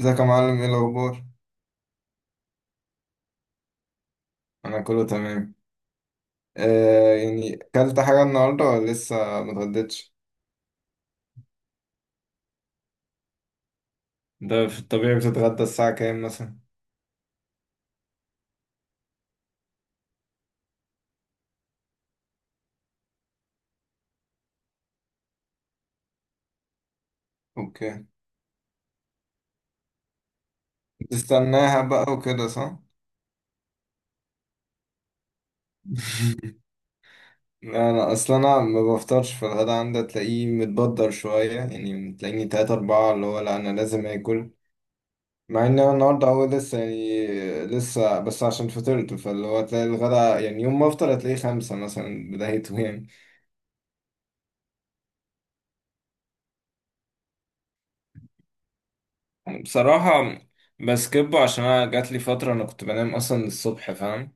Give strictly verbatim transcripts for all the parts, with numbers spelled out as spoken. ازيك يا معلم؟ ايه الاخبار؟ انا كله تمام. آه يعني اكلت حاجه النهارده ولا لسه؟ ما اتغديتش. ده في الطبيعي بتتغدى الساعه كام مثلا؟ اوكي. تستناها بقى وكده صح؟ لا، انا اصلا انا ما بفطرش في الغدا، عندي تلاقيه متبدر شويه، يعني تلاقيني تلاتة اربعة اللي هو لا انا لازم اكل. مع ان انا النهارده هو لسه يعني لسه، بس عشان فطرت، فاللي هو تلاقي الغدا يعني يوم ما افطر هتلاقيه خمسة مثلا بدايته يعني بصراحة بسكبه عشان أنا جاتلي فترة أنا كنت بنام أصلا الصبح، فاهم؟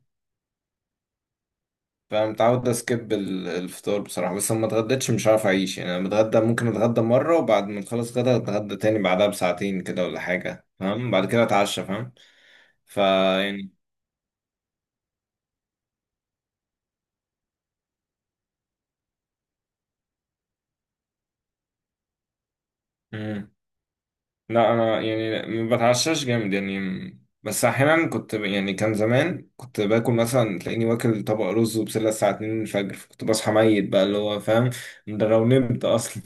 فمتعود أسكب ال- الفطار بصراحة، بس لما اتغديتش مش هعرف أعيش يعني أنا بتغدى، ممكن أتغدى مرة وبعد ما أخلص غدا أتغدى تاني بعدها بساعتين كده ولا حاجة، فاهم؟ بعد كده أتعشى، فاهم؟ فا يعني مم. لا أنا يعني ما بتعشاش جامد يعني م- بس أحيانا كنت ب- يعني كان زمان كنت باكل مثلا، تلاقيني واكل طبق رز وبسلة الساعة اتنين الفجر، فكنت بصحى ميت بقى اللي هو فاهم. ده لو نمت أصلا.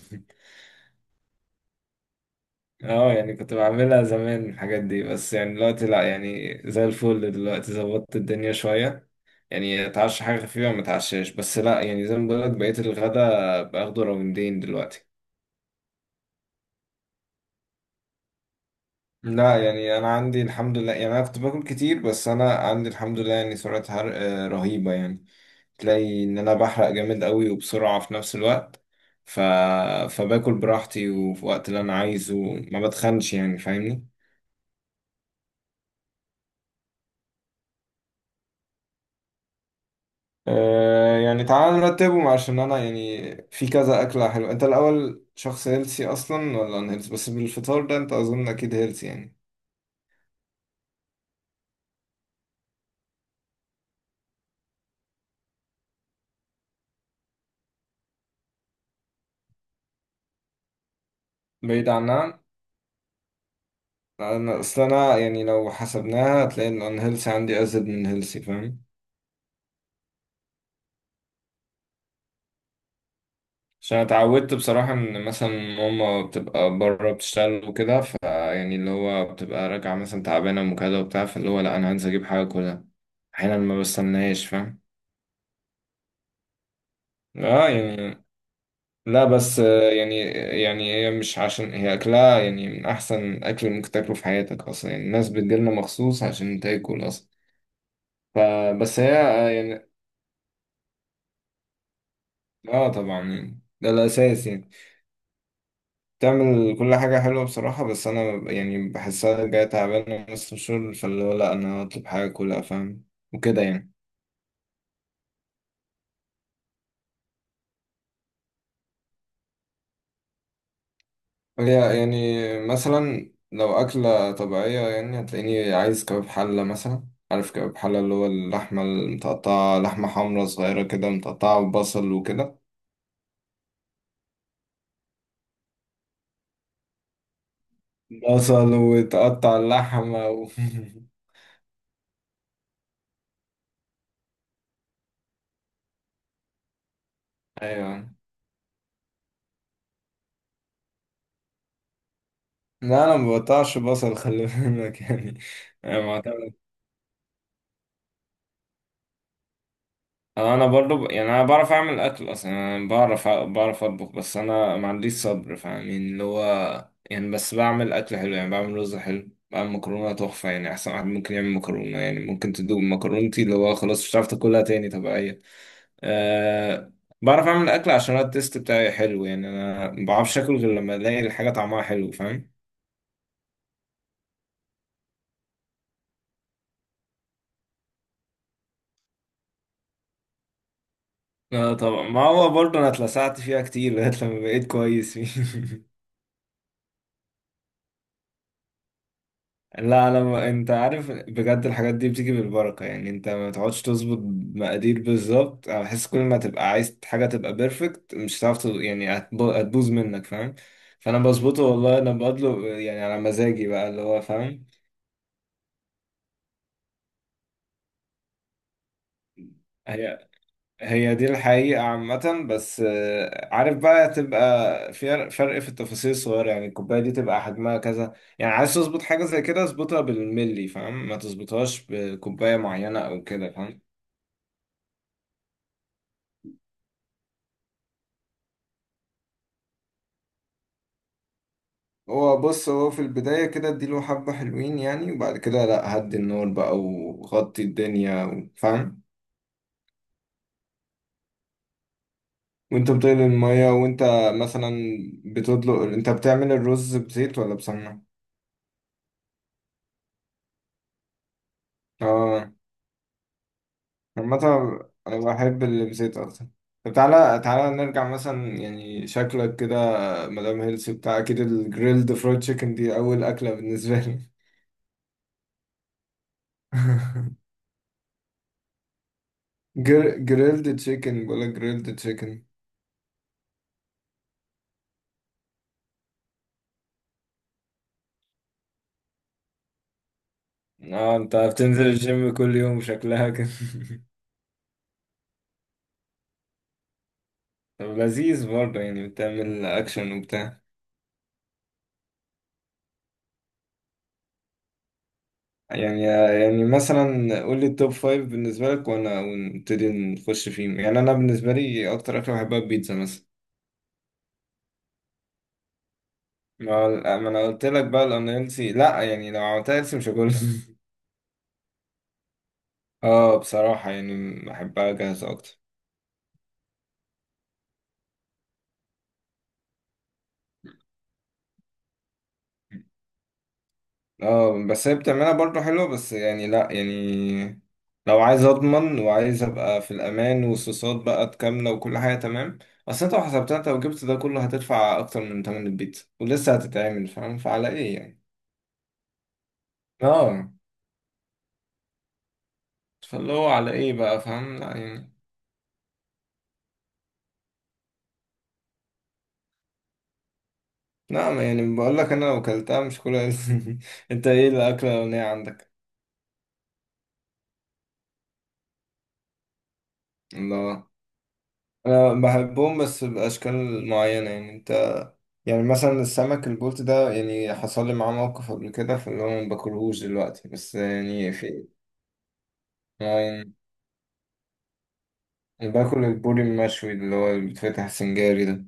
اه يعني كنت بعملها زمان الحاجات دي، بس يعني دلوقتي لا، يعني زي الفل دلوقتي، ظبطت الدنيا شوية. يعني اتعشى حاجة خفيفة، ما اتعشاش، بس لا، يعني زي ما بقولك بقيت الغدا باخده راوندين دلوقتي. لا يعني انا عندي الحمد لله، يعني انا كنت باكل كتير، بس انا عندي الحمد لله يعني سرعة حرق آه، رهيبة يعني تلاقي ان انا بحرق جامد قوي وبسرعة في نفس الوقت. ف... فباكل براحتي وفي وقت اللي انا عايزه، ما بتخنش يعني فاهمني؟ آه يعني تعال نرتبهم، عشان انا يعني في كذا اكله حلوه. انت الاول شخص هيلسي اصلا ولا ان هيلسي؟ بس بالفطار ده انت اظن اكيد هيلسي يعني بعيد عنها. انا اصل انا يعني لو حسبناها هتلاقي ان ان هيلسي عندي ازيد من هيلسي، فاهم؟ عشان أنا اتعودت بصراحه ان مثلا ماما بتبقى بره بتشتغل وكده، فيعني اللي هو بتبقى راجعه مثلا تعبانه وكده وبتاع، فاللي هو لا انا هنزل اجيب حاجه كلها، احيانا ما بستناهاش، فاهم؟ اه يعني لا بس آه، يعني يعني هي مش عشان هي أكلها يعني من أحسن أكل ممكن تاكله في حياتك أصلا، يعني الناس بتجيلنا مخصوص عشان تاكل أصلا. فبس هي آه، يعني آه طبعا، يعني ده الأساس يعني تعمل كل حاجة حلوة بصراحة. بس أنا ب- يعني بحسها جاية تعبانة من نص الشهر، فاللي هو لأ أنا هطلب حاجة كلها، فاهم؟ وكده يعني هي يعني مثلا لو أكلة طبيعية يعني هتلاقيني عايز كباب حلة مثلا. عارف كباب حلة اللي هو اللحمة المتقطعة، لحمة حمرا صغيرة كده متقطعة ببصل وكده، بصل وتقطع اللحمة و... أيوة. لا أنا مبقطعش بصل، خلي بالك يعني أنا انا برضو ب... يعني. انا بعرف اعمل اكل اصلا يعني انا بعرف بعرف اطبخ بس انا ما عنديش صبر فاهمين اللي هو يعني بس بعمل اكل حلو، يعني بعمل رز حلو، بعمل مكرونه تحفه، يعني احسن واحد ممكن يعمل مكرونه. يعني ممكن تدوق مكرونتي اللي هو خلاص مش هتعرف تاكلها تاني طبيعيه. أه... بعرف اعمل اكل عشان أنا التيست بتاعي حلو، يعني انا ما بعرفش اكل غير لما الاقي الحاجه طعمها حلو، فاهم؟ اه طبعا، ما هو برضه انا اتلسعت فيها كتير لغايه لما بقيت كويس فيه لا لما انت عارف بجد، الحاجات دي بتيجي بالبركة، يعني انت ما تقعدش تظبط مقادير بالظبط. انا بحس كل ما تبقى عايز حاجة تبقى بيرفكت مش هتعرف تظ- يعني هتب- هتبوظ منك، فاهم؟ فانا بظبطه والله، انا بقدله يعني على مزاجي بقى اللي هو فاهم. هي هي دي الحقيقة عامة، بس آه، عارف بقى تبقى في فرق فرق في التفاصيل الصغيرة، يعني الكوباية دي تبقى حجمها كذا. يعني عايز تظبط حاجة زي كده اظبطها بالملي، فاهم؟ ما تظبطهاش بكوباية معينة او كده، فاهم؟ هو بص، هو في البداية كده اديله حبة حلوين يعني وبعد كده لا هدي النار بقى وغطي الدنيا و- فاهم. وانت بتقلي المية، وانت مثلا بتطلق، انت بتعمل الرز بزيت ولا بسمنة؟ اه عامة انا بحب اللي بزيت اكتر. طب تعالى تعالى نرجع مثلا، يعني شكلك كده مدام هيلسي بتاع اكيد الجريلد فرايد تشيكن دي اول اكلة بالنسبة لي. جر... جريلد تشيكن، بقولك جريلد تشيكن. اه، انت بتنزل الجيم كل يوم شكلها كده؟ طب لذيذ برضه، يعني بتعمل اكشن وبتاع. يعني يعني مثلا قول لي التوب فايف بالنسبة لك وانا ونبتدي نخش فيهم يعني انا بالنسبة لي اكتر اكلة بحبها البيتزا مثلا. ما هو- ما انا قلت لك بقى الأنا هيلثي لا يعني لو عملتها هيلثي مش هاكلها اه بصراحة يعني بحبها جاهزة اكتر. اه بس هي بتعملها برضه حلوة، بس يعني لا يعني لو عايز اضمن وعايز ابقى في الامان والصوصات بقى كاملة وكل حاجة تمام، اصل انت لو حسبتها، انت لو جبت ده كله هتدفع اكتر من تمن البيتزا ولسه هتتعمل، فاهم؟ فعلى ايه يعني اه، فاللي هو على ايه بقى، فاهم؟ لا يعني لا ما يعني بقول لك انا لو اكلتها مش كلها انت ايه الاكلة الاغنية عندك؟ الله، انا بحبهم بس باشكال معينة يعني يعني مثلا السمك البلطي ده، يعني حصل لي معاه موقف قبل كده فاللي هو ما باكلهوش دلوقتي، بس يعني في آه يعني باكل البوري المشوي اللي هو اللي بيتفتح سنجاري ده.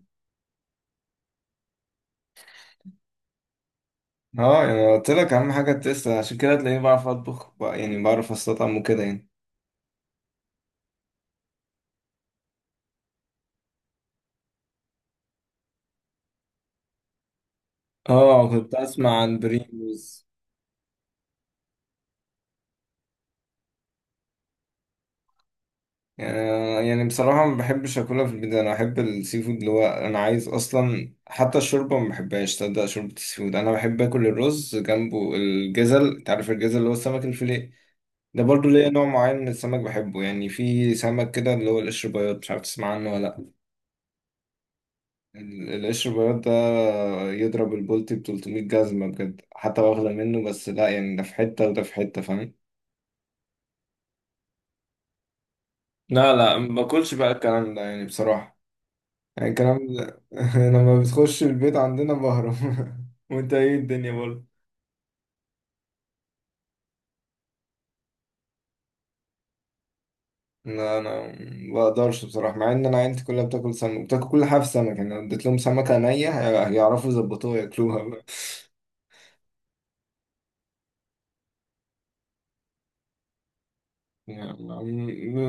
اه يعني أنا قلت لك اهم حاجه التست، عشان كده تلاقيني بعرف اطبخ بقى- يعني بعرف استطعم وكده يعني. اه كنت اسمع عن بريموز. آه، يعني بصراحة ما بحبش أكلها في البيت. أنا أحب السي فود اللي هو أنا عايز أصلا، حتى الشوربة ما بحبهاش، تصدق؟ شوربة السي فود، أنا بحب آكل الرز جنبه الجزل. أنت عارف الجزل اللي هو السمك الفيليه؟ ده برضو ليا نوع معين من السمك بحبه، يعني في سمك كده اللي هو القشر بياض، مش عارف تسمع عنه ولا لأ؟ ال- القشر بياض ده يضرب البولتي ب تلتمية جزمة بجد، حتى واخدة منه بس لأ، يعني ده في حتة وده في حتة، فاهم؟ لا لا، ما باكلش بقى الكلام ده يعني بصراحة. يعني الكلام ده لما بتخش البيت عندنا بهرب وانت ايه الدنيا برضه؟ لا انا ما بقدرش بصراحه، مع ان انا عيلتي كلها بتاكل سمك، بتاكل كل حاجه في سمك، يعني لو اديت لهم سمكه نيه هي- هيعرفوا يظبطوها ياكلوها بقى يعني ما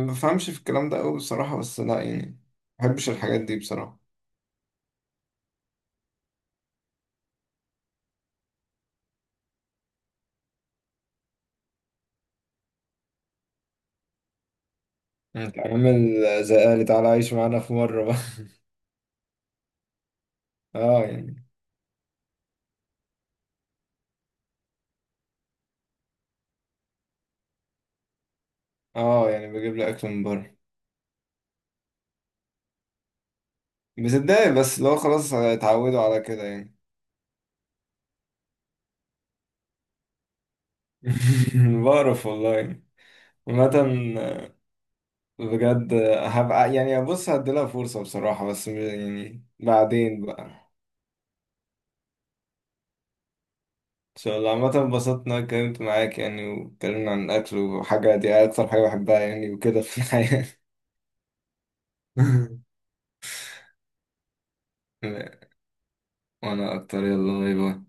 ما بفهمش في الكلام ده قوي بصراحه بس لا يعني ما بحبش الحاجات دي بصراحه. انت عامل زي اهلي، تعالى عيش معانا في مره بقى اه يعني اه يعني بجيب لي اكل من بره. بتتضايق، بس لو خلاص اتعودوا على كده يعني بعرف والله. عامة بجد هبقى يعني بص هديلها فرصة بصراحة، بس م- يعني بعدين بقى ان شاء الله عامة انبسطت ان انا اتكلمت معاك يعني واتكلمنا عن الاكل، وحاجة دي اكتر حاجة بحبها يعني وكده في الحياة. وانا اكتر. يلا باي باي.